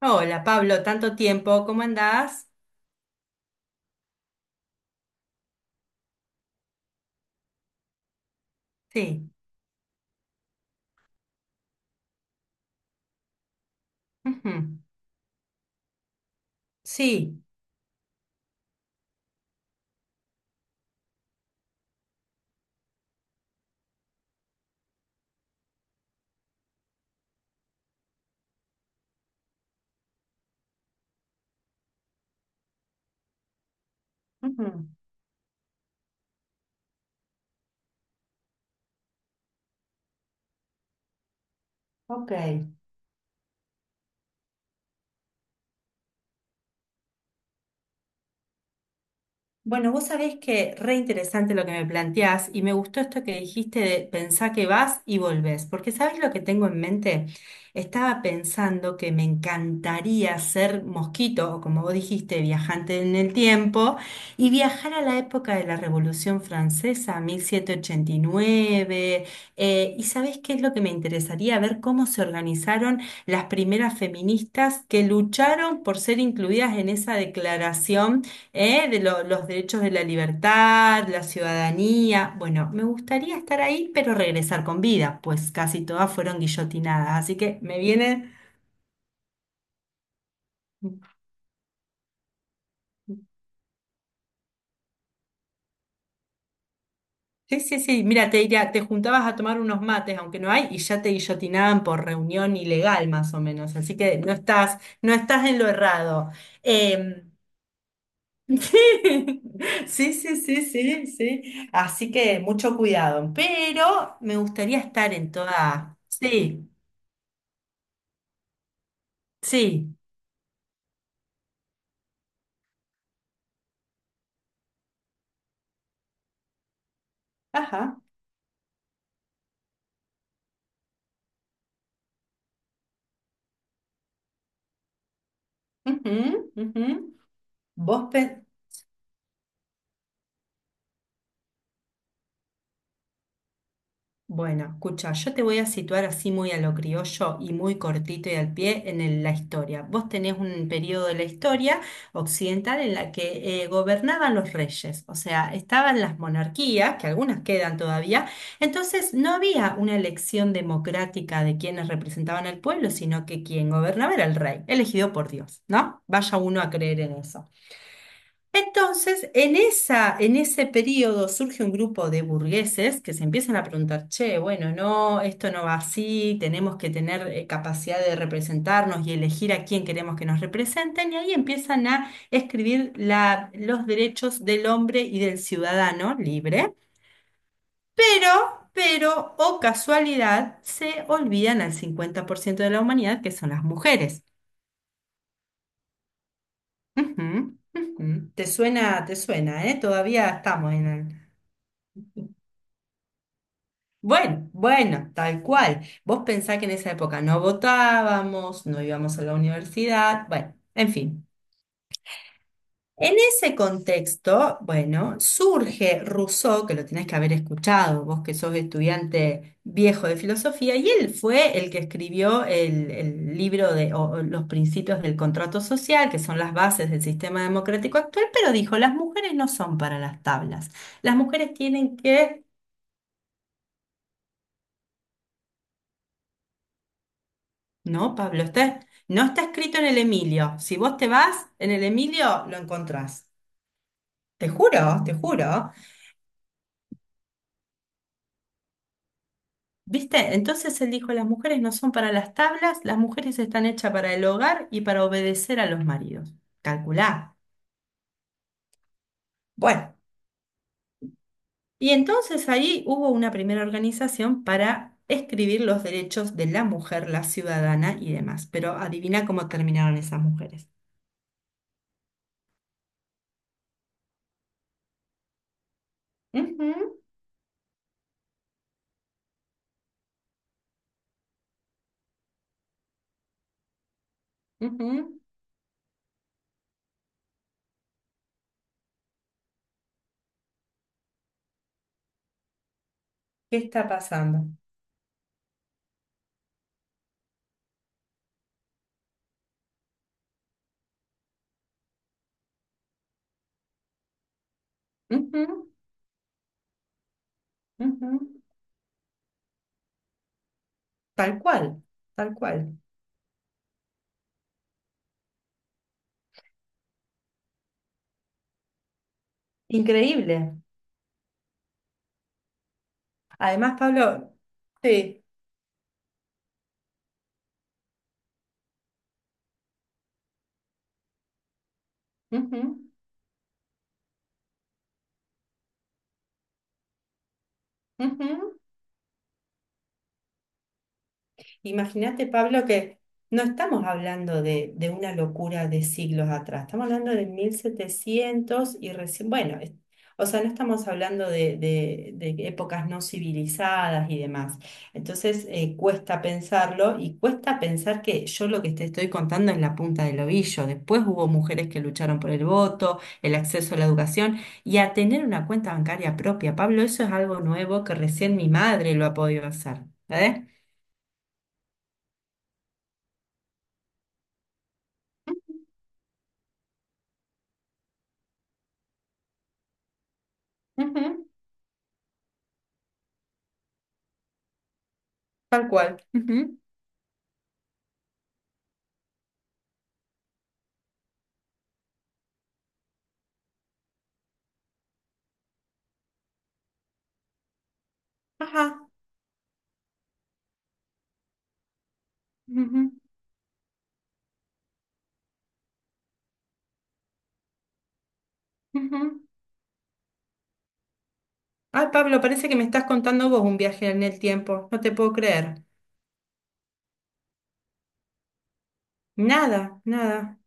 Hola Pablo, tanto tiempo, ¿cómo andás? Sí. Ujú. Sí. Ujú. Ok. Bueno, vos sabés que re interesante lo que me planteás y me gustó esto que dijiste de pensá que vas y volvés, porque ¿sabés lo que tengo en mente? Estaba pensando que me encantaría ser mosquito, o como vos dijiste, viajante en el tiempo, y viajar a la época de la Revolución Francesa, 1789, y ¿sabés qué es lo que me interesaría? Ver cómo se organizaron las primeras feministas que lucharon por ser incluidas en esa declaración, ¿eh? De los derechos de la libertad, la ciudadanía. Bueno, me gustaría estar ahí, pero regresar con vida, pues casi todas fueron guillotinadas. Así que me viene. Sí, sí, sí. Mira, te diría, te juntabas a tomar unos mates, aunque no hay, y ya te guillotinaban por reunión ilegal, más o menos. Así que no estás en lo errado. Eh, Sí, sí, sí, sí, sí. Así que mucho cuidado. Pero me gustaría estar en toda. Sí. Sí. Ajá. Ujú, ujú. Vos pe- Bueno, escucha, yo te voy a situar así muy a lo criollo y muy cortito y al pie en la historia. Vos tenés un periodo de la historia occidental en la que gobernaban los reyes, o sea, estaban las monarquías, que algunas quedan todavía, entonces no había una elección democrática de quienes representaban al pueblo, sino que quien gobernaba era el rey, elegido por Dios, ¿no? Vaya uno a creer en eso. Entonces, en ese periodo surge un grupo de burgueses que se empiezan a preguntar, che, bueno, no, esto no va así, tenemos que tener capacidad de representarnos y elegir a quién queremos que nos representen, y ahí empiezan a escribir los derechos del hombre y del ciudadano libre, pero, o casualidad, se olvidan al 50% de la humanidad, que son las mujeres. Ujú, ujú. Te suena, ¿eh? Todavía estamos en el… Bueno, bueno, tal cual. Vos pensás que en esa época no votábamos, no íbamos a la universidad, bueno, en fin. En ese contexto, bueno, surge Rousseau, que lo tenés que haber escuchado, vos que sos estudiante viejo de filosofía, y él fue el que escribió el libro de o los principios del contrato social, que son las bases del sistema democrático actual, pero dijo, las mujeres no son para las tablas. Las mujeres tienen que… No, Pablo, no está escrito en el Emilio. Si vos te vas, en el Emilio lo encontrás. Te juro, te juro. ¿Viste? Entonces él dijo, las mujeres no son para las tablas, las mujeres están hechas para el hogar y para obedecer a los maridos. Calculá. Bueno, y entonces ahí hubo una primera organización para escribir los derechos de la mujer, la ciudadana y demás. Pero adivina cómo terminaron esas mujeres. Ujú, ujú. ¿Qué está pasando? Ujú, ujú. Tal cual, tal cual. Increíble. Además, Pablo, sí. Ujú, ujú. Imagínate, Pablo, que no estamos hablando de una locura de siglos atrás, estamos hablando de mil setecientos y recién, bueno, o sea, no estamos hablando de épocas no civilizadas y demás. Entonces, cuesta pensarlo y cuesta pensar que yo lo que te estoy contando es la punta del ovillo. Después hubo mujeres que lucharon por el voto, el acceso a la educación y a tener una cuenta bancaria propia. Pablo, eso es algo nuevo que recién mi madre lo ha podido hacer. ¿Eh? Ujú. Tal cual. Ujú. Ajá. Ujú. Ujú. Ay, Pablo, parece que me estás contando vos un viaje en el tiempo. No te puedo creer. Nada, nada.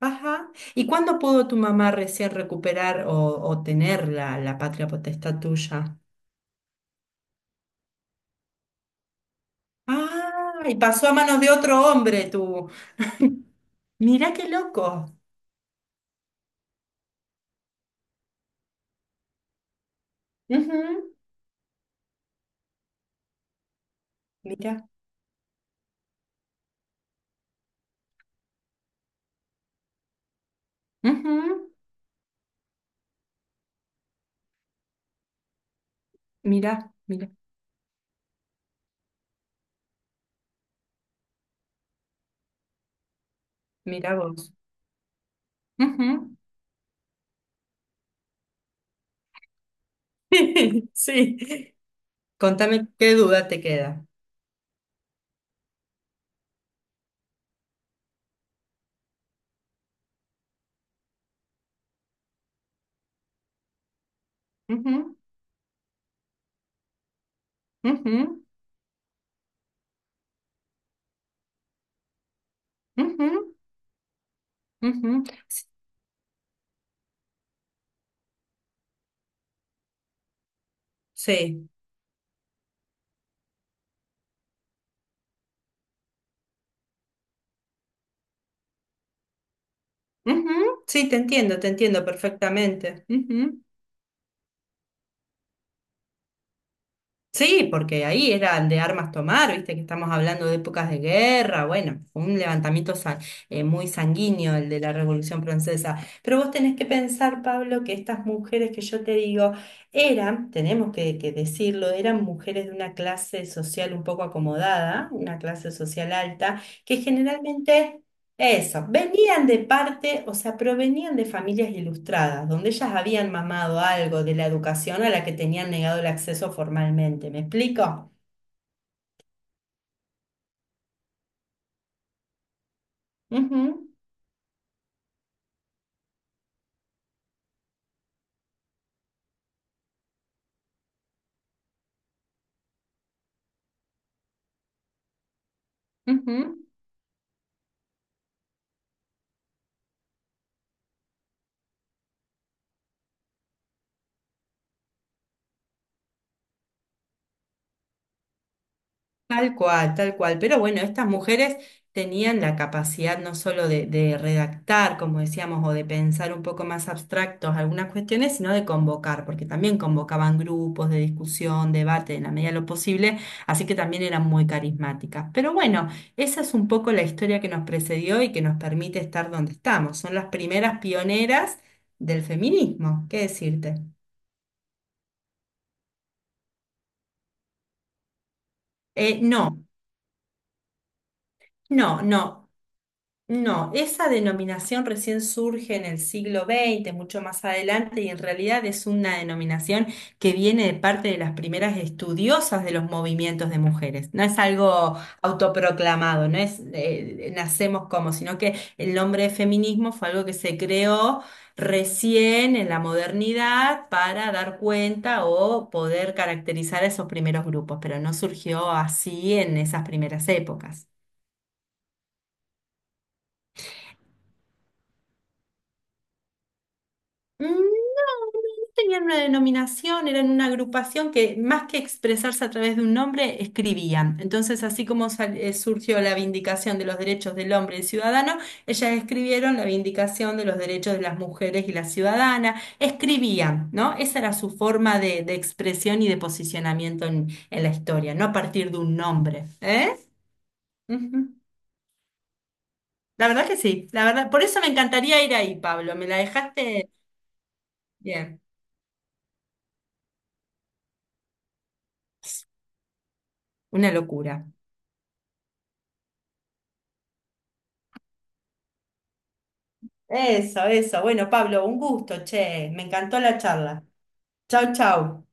Ajá. ¿Y cuándo pudo tu mamá recién recuperar o tener la patria potestad tuya? Ah, y pasó a manos de otro hombre, tú. Mirá qué loco. Ujú. Mirá. Ujú. Mirá, mirá, mirá vos. Ujú. Sí. Contame qué duda te queda. Ujú. Ujú, ujú, ujú. Sí, ujú, sí, te entiendo perfectamente. Ujú. Sí, porque ahí era el de armas tomar, viste que estamos hablando de épocas de guerra, bueno, fue un levantamiento muy sanguíneo el de la Revolución Francesa. Pero vos tenés que pensar, Pablo, que estas mujeres que yo te digo eran, tenemos que decirlo, eran mujeres de una clase social un poco acomodada, una clase social alta, que generalmente… Eso, venían de parte, o sea, provenían de familias ilustradas, donde ellas habían mamado algo de la educación a la que tenían negado el acceso formalmente. ¿Me explico? Ujú, ujú. Tal cual, tal cual. Pero bueno, estas mujeres tenían la capacidad no solo de redactar, como decíamos, o de pensar un poco más abstractos algunas cuestiones, sino de convocar, porque también convocaban grupos de discusión, debate, en la medida de lo posible, así que también eran muy carismáticas. Pero bueno, esa es un poco la historia que nos precedió y que nos permite estar donde estamos. Son las primeras pioneras del feminismo, ¿qué decirte? No, no. No, esa denominación recién surge en el siglo XX, mucho más adelante, y en realidad es una denominación que viene de parte de las primeras estudiosas de los movimientos de mujeres. No es algo autoproclamado, no es nacemos como, sino que el nombre de feminismo fue algo que se creó recién en la modernidad para dar cuenta o poder caracterizar a esos primeros grupos, pero no surgió así en esas primeras épocas. Mm. Tenían una denominación, eran una agrupación que más que expresarse a través de un nombre, escribían. Entonces, así como surgió la Vindicación de los Derechos del Hombre y el Ciudadano, ellas escribieron la Vindicación de los Derechos de las Mujeres y la Ciudadana. Escribían, ¿no? Esa era su forma de expresión y de posicionamiento en la historia, no a partir de un nombre. ¿Eh? Ujú. La verdad que sí, la verdad. Por eso me encantaría ir ahí, Pablo. Me la dejaste bien. Una locura. Eso, eso. Bueno, Pablo, un gusto, che. Me encantó la charla. Chau, chau.